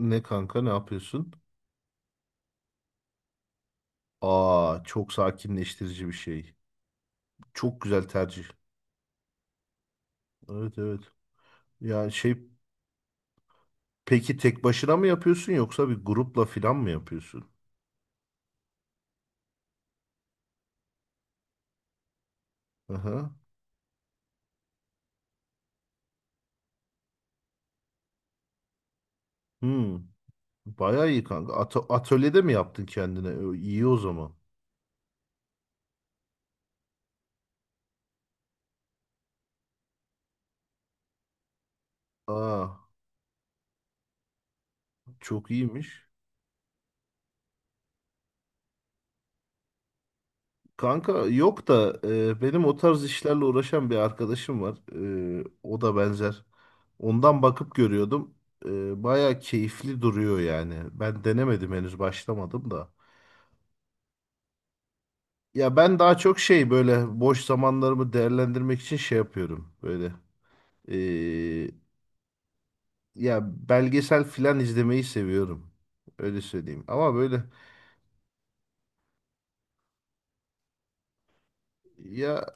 Ne kanka, ne yapıyorsun? Aa, çok sakinleştirici bir şey. Çok güzel tercih. Evet, evet. Ya şey peki tek başına mı yapıyorsun yoksa bir grupla filan mı yapıyorsun? Aha. Hmm. Bayağı iyi kanka. Atölyede mi yaptın kendine? İyi o zaman. Aa, çok iyiymiş. Kanka yok da, benim o tarz işlerle uğraşan bir arkadaşım var. O da benzer. Ondan bakıp görüyordum. Baya keyifli duruyor yani. Ben denemedim, henüz başlamadım da. Ya ben daha çok böyle boş zamanlarımı değerlendirmek için yapıyorum böyle. Ee, ya belgesel filan izlemeyi seviyorum. Öyle söyleyeyim. Ama böyle ya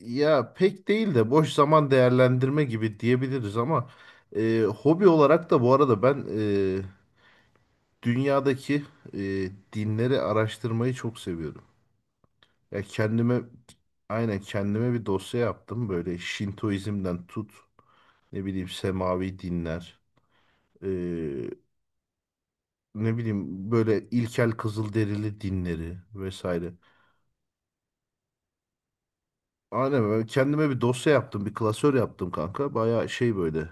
ya pek değil de boş zaman değerlendirme gibi diyebiliriz ama hobi olarak da bu arada ben dünyadaki dinleri araştırmayı çok seviyorum. Ya kendime aynen kendime bir dosya yaptım, böyle Şintoizm'den tut, ne bileyim semavi dinler, ee, ne bileyim böyle ilkel Kızılderili dinleri vesaire. Aynen, böyle kendime bir dosya yaptım, bir klasör yaptım kanka, baya şey böyle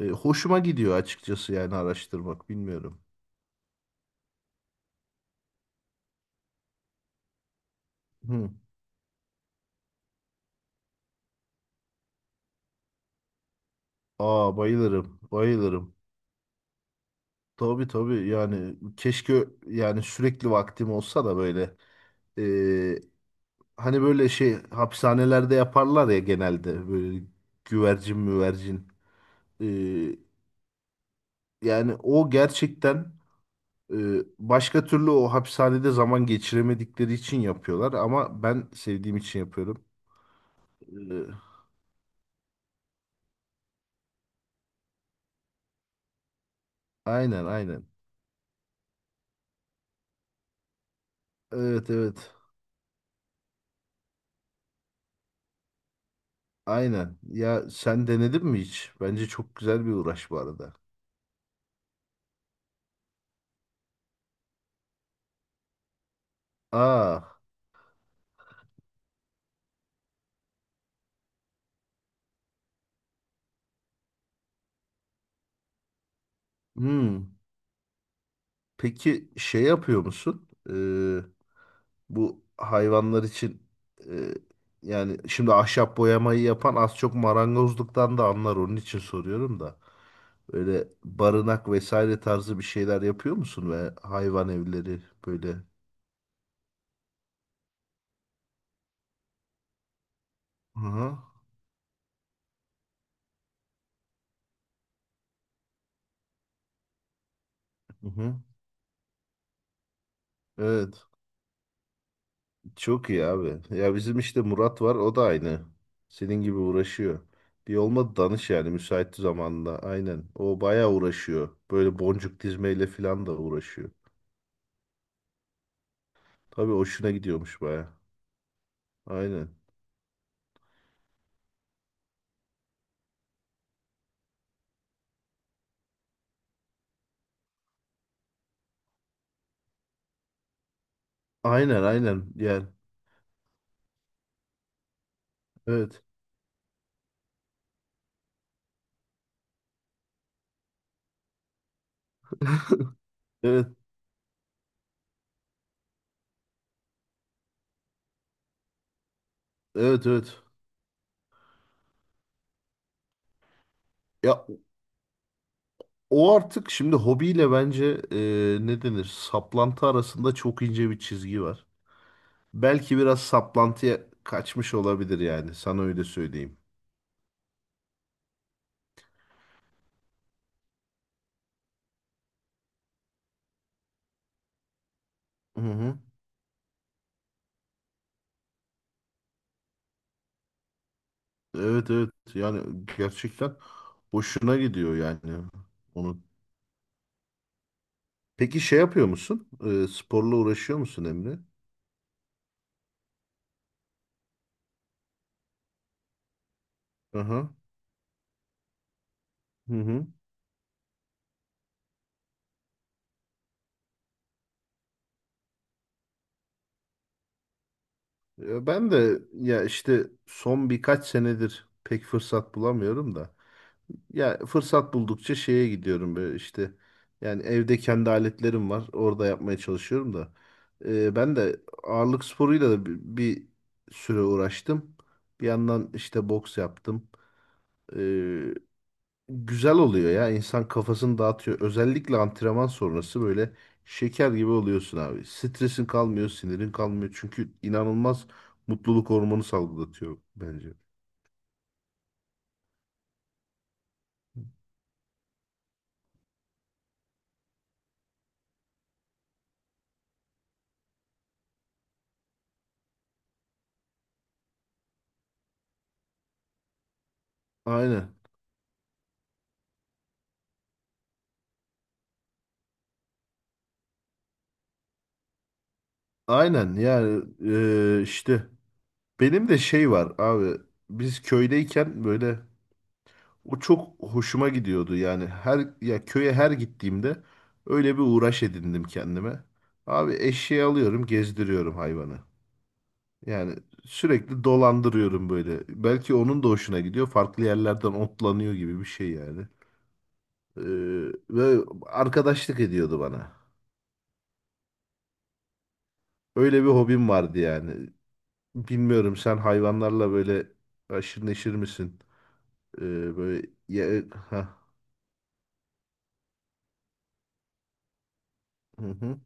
Hoşuma gidiyor açıkçası, yani araştırmak, bilmiyorum. Hı. Aa, bayılırım, bayılırım. Tabii tabii, yani keşke yani sürekli vaktim olsa da böyle. Hani böyle hapishanelerde yaparlar ya, genelde böyle güvercin müvercin. Ee, Yani o gerçekten, e, başka türlü o hapishanede zaman geçiremedikleri için yapıyorlar ama ben sevdiğim için yapıyorum. Ee, aynen, aynen. Evet, evet. Aynen. Ya sen denedin mi hiç? Bence çok güzel bir uğraş bu arada. Aa. Hmm. Peki yapıyor musun? Bu hayvanlar için, e, yani şimdi ahşap boyamayı yapan az çok marangozluktan da anlar, onun için soruyorum da. Böyle barınak vesaire tarzı bir şeyler yapıyor musun ve hayvan evleri böyle? Hı hı. Hı hı. Evet. Çok iyi abi. Ya bizim işte Murat var, o da aynı. Senin gibi uğraşıyor. Bir olmadı danış yani müsait zamanla. Aynen. O bayağı uğraşıyor. Böyle boncuk dizmeyle falan da uğraşıyor. Tabii hoşuna gidiyormuş bayağı. Aynen. Aynen, aynen, yani evet, evet, evet, evet, ya o artık şimdi hobiyle bence, ne denir, saplantı arasında çok ince bir çizgi var. Belki biraz saplantıya kaçmış olabilir yani, sana öyle söyleyeyim. Hı hı. Evet evet, yani gerçekten hoşuna gidiyor yani onu. Peki yapıyor musun? Sporla uğraşıyor musun Emre? Aha. Hı hı. Ya ben de, ya işte son birkaç senedir pek fırsat bulamıyorum da. Ya fırsat buldukça şeye gidiyorum böyle işte. Yani evde kendi aletlerim var. Orada yapmaya çalışıyorum da. Ben de ağırlık sporuyla da bir süre uğraştım. Bir yandan işte boks yaptım. Ee, Güzel oluyor ya. İnsan kafasını dağıtıyor. Özellikle antrenman sonrası böyle şeker gibi oluyorsun abi. Stresin kalmıyor, sinirin kalmıyor. Çünkü inanılmaz mutluluk hormonu salgılatıyor bence. Aynen. Aynen yani, işte. Benim de var abi, biz köydeyken böyle o çok hoşuma gidiyordu, yani her, ya köye her gittiğimde öyle bir uğraş edindim kendime. Abi eşeği alıyorum, gezdiriyorum hayvanı. Yani sürekli dolandırıyorum böyle. Belki onun da hoşuna gidiyor. Farklı yerlerden otlanıyor gibi bir şey yani. Ee, Ve arkadaşlık ediyordu bana. Öyle bir hobim vardı yani. Bilmiyorum sen hayvanlarla böyle aşırı neşir misin? Ee, böyle ya, heh. Hı hı.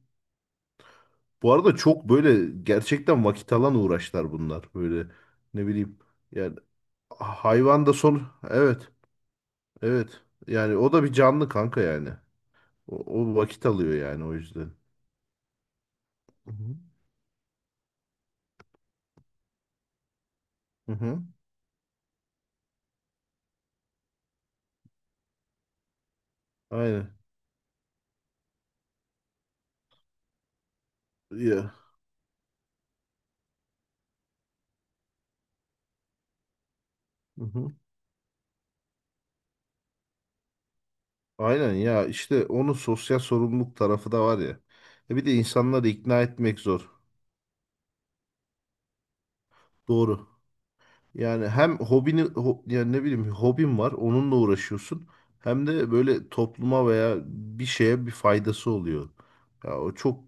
Bu arada çok böyle gerçekten vakit alan uğraşlar bunlar. Böyle ne bileyim, yani hayvan da son, evet, evet, yani o da bir canlı kanka yani. O, o vakit alıyor yani, o yüzden. Hı hı. Hı hı. Aynen. Ya. Hı hı. Aynen ya, işte onun sosyal sorumluluk tarafı da var ya. E bir de insanları ikna etmek zor. Doğru. Yani hem hobini yani ne bileyim hobin var, onunla uğraşıyorsun, hem de böyle topluma veya bir şeye bir faydası oluyor. Ya o çok,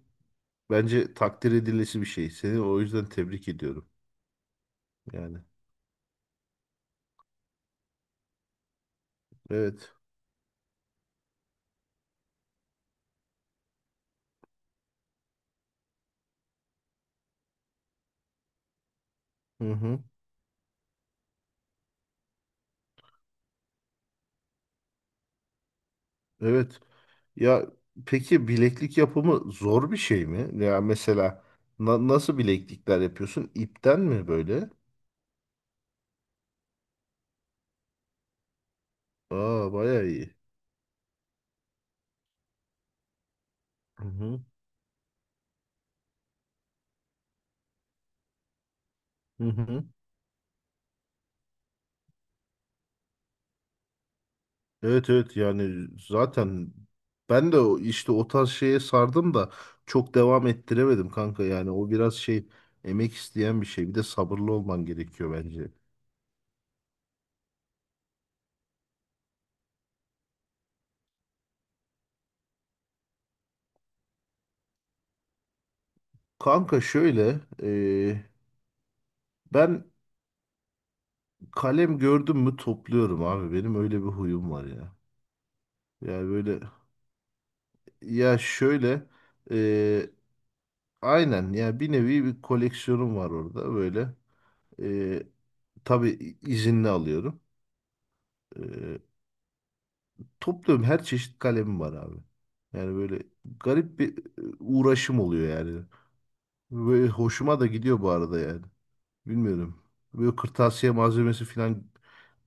bence takdir edilesi bir şey. Seni o yüzden tebrik ediyorum. Yani evet. Hı hı. Evet. Ya peki bileklik yapımı zor bir şey mi? Ya mesela nasıl bileklikler yapıyorsun? İpten mi böyle? Aa, bayağı iyi. Hı hı. Hı hı. Evet evet, yani zaten ben de işte o tarz şeye sardım da çok devam ettiremedim kanka, yani o biraz emek isteyen bir şey, bir de sabırlı olman gerekiyor bence. Kanka şöyle, ben kalem gördüm mü topluyorum abi, benim öyle bir huyum var ya. Yani böyle, ya şöyle, e, aynen ya, bir nevi bir koleksiyonum var orada böyle. E, tabii izinli alıyorum. Topluyorum, her çeşit kalemim var abi. Yani böyle garip bir, uğraşım oluyor yani. Ve hoşuma da gidiyor bu arada yani. Bilmiyorum. Böyle kırtasiye malzemesi falan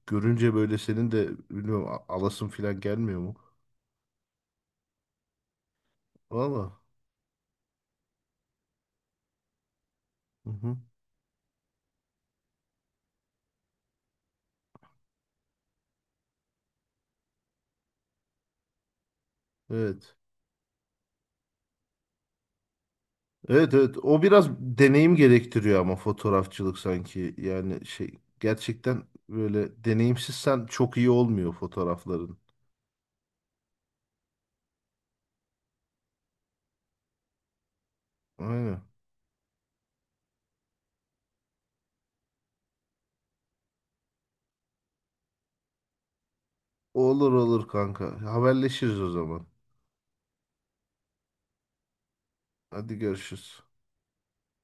görünce böyle senin de, bilmiyorum, alasın falan gelmiyor mu? Valla. Hı hı. Evet. Evet evet, o biraz deneyim gerektiriyor ama fotoğrafçılık sanki, yani gerçekten böyle deneyimsizsen çok iyi olmuyor fotoğrafların. Aynen. Olur olur kanka, haberleşiriz o zaman. Hadi görüşürüz.